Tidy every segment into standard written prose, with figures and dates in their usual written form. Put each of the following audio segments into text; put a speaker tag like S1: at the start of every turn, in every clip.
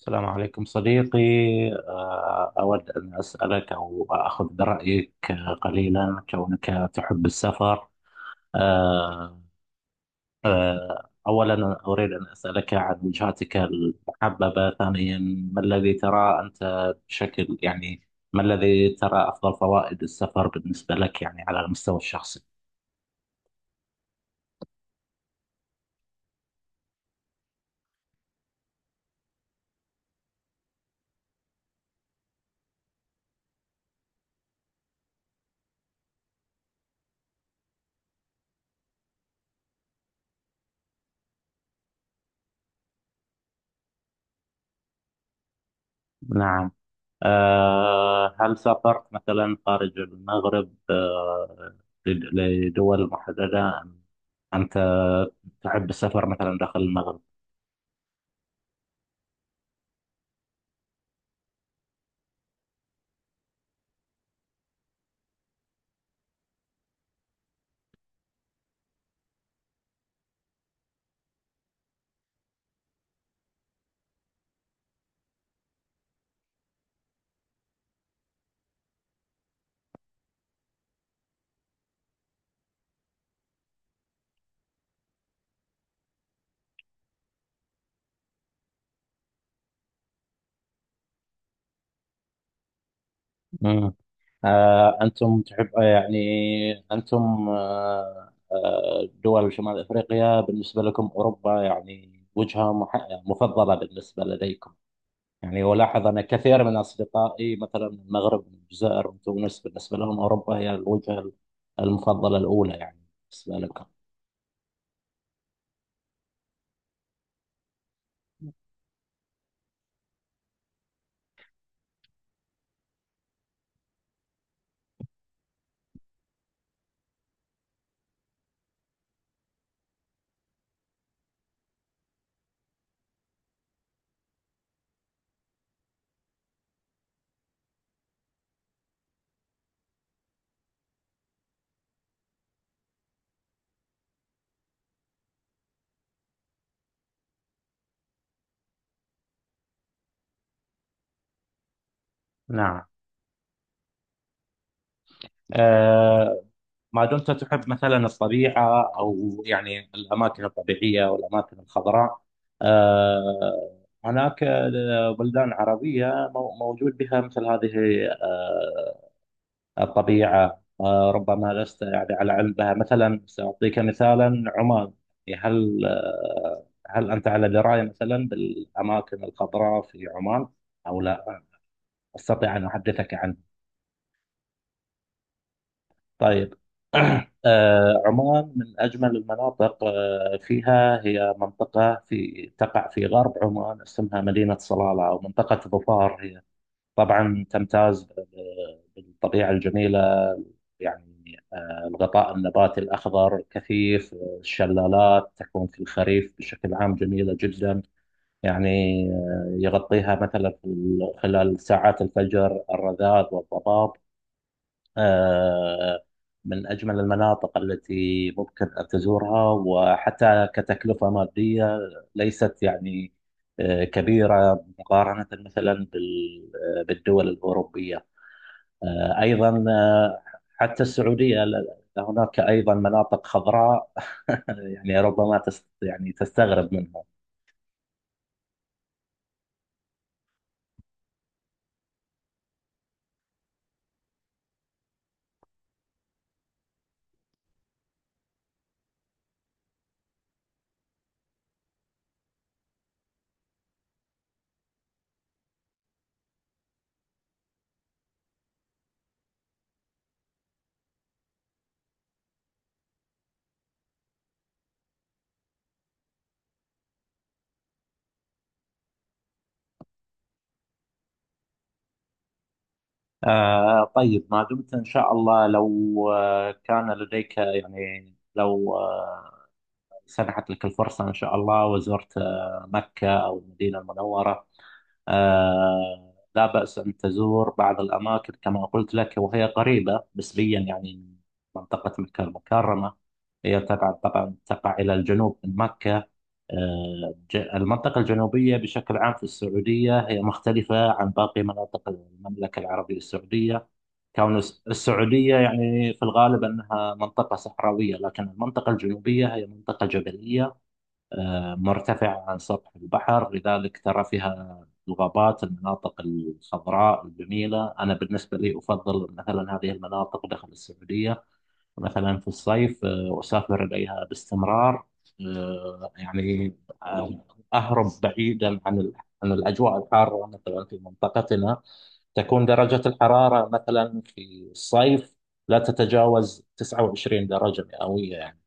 S1: السلام عليكم صديقي. أود أن أسألك أو أخذ برأيك، قليلا كونك تحب السفر. آه، أولا أنا أريد أن أسألك عن وجهاتك المحببة. ثانيا، ما الذي ترى أنت بشكل يعني ما الذي ترى أفضل فوائد السفر بالنسبة لك، يعني على المستوى الشخصي؟ نعم. هل سافرت مثلا خارج المغرب لدول محددة أم أنت تحب السفر مثلا داخل المغرب؟ مم. أنتم تحب، يعني أنتم، دول شمال أفريقيا، بالنسبة لكم أوروبا يعني وجهة مفضلة بالنسبة لديكم؟ يعني ألاحظ أن كثير من أصدقائي مثلا من المغرب، من الجزائر، من تونس، بالنسبة لهم أوروبا هي الوجهة المفضلة الأولى، يعني بالنسبة لكم. نعم. آه، ما دمت تحب مثلا الطبيعة، أو يعني الأماكن الطبيعية والأماكن الخضراء، آه، هناك بلدان عربية موجود بها مثل هذه آه الطبيعة. آه، ربما لست يعني على علم بها. مثلا سأعطيك مثالا: عمان. يعني هل آه هل أنت على دراية مثلا بالأماكن الخضراء في عمان أو لا؟ أستطيع أن أحدثك عنها. طيب. عمان من أجمل المناطق. آه، فيها هي منطقة تقع في غرب عمان اسمها مدينة صلالة أو منطقة ظفار. هي طبعا تمتاز بالطبيعة الجميلة، يعني الغطاء النباتي الأخضر الكثيف. الشلالات تكون في الخريف بشكل عام جميلة جدا، يعني يغطيها مثلا خلال ساعات الفجر الرذاذ والضباب. آه، من أجمل المناطق التي ممكن أن تزورها، وحتى كتكلفة مادية ليست يعني كبيرة مقارنة مثلا بالدول الأوروبية. آه، أيضا آه، حتى السعودية، هناك أيضا مناطق خضراء يعني ربما يعني تستغرب منها. آه طيب، ما دمت إن شاء الله، لو كان لديك يعني، لو سنحت لك الفرصة إن شاء الله وزرت مكة أو المدينة المنورة، لا بأس أن تزور بعض الأماكن كما قلت لك، وهي قريبة نسبيا يعني من منطقة مكة المكرمة. هي تبعد، طبعا تقع إلى الجنوب من مكة. المنطقة الجنوبية بشكل عام في السعودية هي مختلفة عن باقي مناطق المملكة العربية السعودية، كون السعودية يعني في الغالب أنها منطقة صحراوية، لكن المنطقة الجنوبية هي منطقة جبلية مرتفعة عن سطح البحر، لذلك ترى فيها الغابات، المناطق الخضراء الجميلة. أنا بالنسبة لي أفضل مثلا هذه المناطق داخل السعودية. مثلا في الصيف أسافر إليها باستمرار، آه، يعني آه، أهرب بعيدا عن عن الأجواء الحارة مثلا في منطقتنا. تكون درجة الحرارة مثلا في الصيف لا تتجاوز 29 درجة مئوية يعني.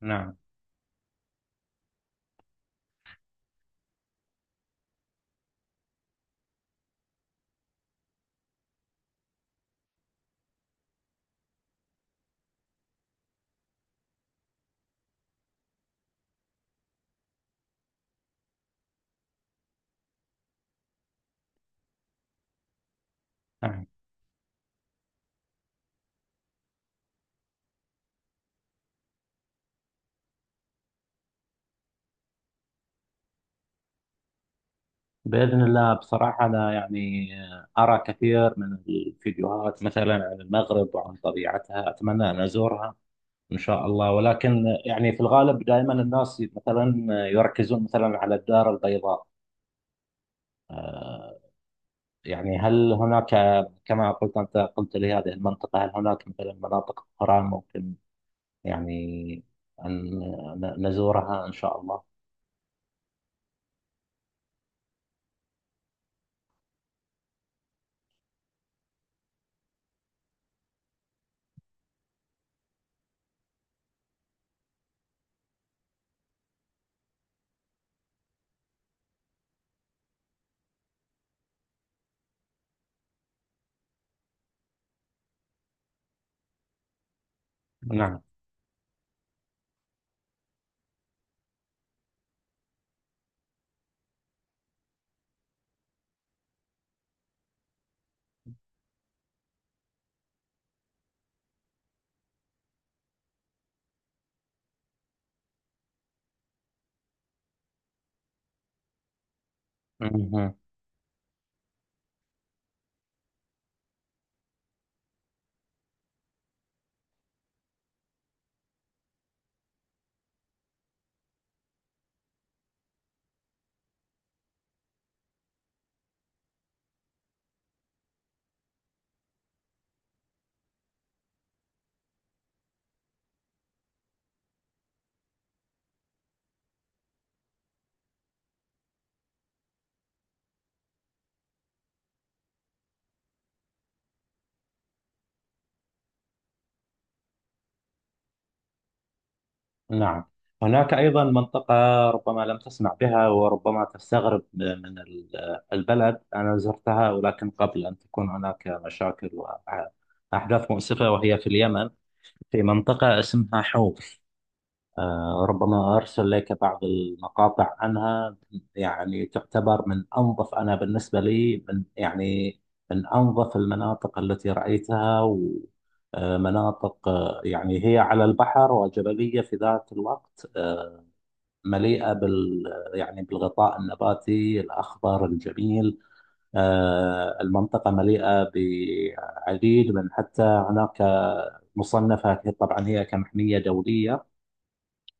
S1: نعم، نعم. بإذن الله، بصراحة أنا يعني أرى كثير من الفيديوهات مثلا عن المغرب وعن طبيعتها، أتمنى أن أزورها إن شاء الله. ولكن يعني في الغالب دائما الناس مثلا يركزون مثلا على الدار البيضاء. آه، يعني هل هناك، كما قلت، أنت قلت لي هذه المنطقة، هل هناك مثلا مناطق أخرى ممكن يعني أن نزورها إن شاء الله؟ نعم، نعم. هناك أيضا منطقة ربما لم تسمع بها، وربما تستغرب من البلد. أنا زرتها ولكن قبل أن تكون هناك مشاكل وأحداث مؤسفة، وهي في اليمن، في منطقة اسمها حوف. ربما أرسل لك بعض المقاطع عنها. يعني تعتبر من أنظف، أنا بالنسبة لي، من يعني من أنظف المناطق التي رأيتها. مناطق يعني هي على البحر وجبلية في ذات الوقت، مليئة بال يعني بالغطاء النباتي الأخضر الجميل. المنطقة مليئة بعديد من، حتى هناك مصنفة طبعا هي كمحمية دولية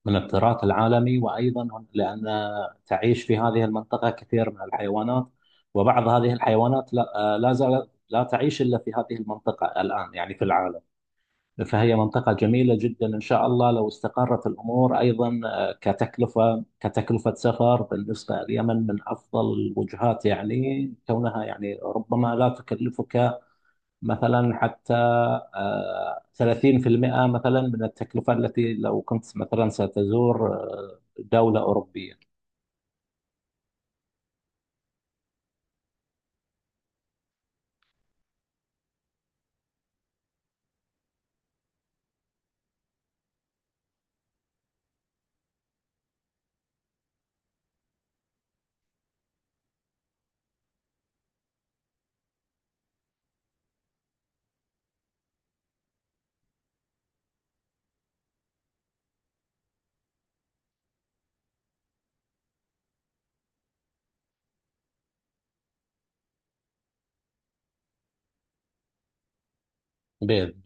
S1: من التراث العالمي، وأيضا لأن تعيش في هذه المنطقة كثير من الحيوانات، وبعض هذه الحيوانات لا زالت لا تعيش إلا في هذه المنطقة الآن يعني في العالم. فهي منطقة جميلة جدا. إن شاء الله لو استقرت الأمور أيضا، كتكلفة سفر بالنسبة لليمن من أفضل الوجهات، يعني كونها يعني ربما لا تكلفك مثلا حتى 30% مثلا من التكلفة التي لو كنت مثلا ستزور دولة أوروبية. بإذن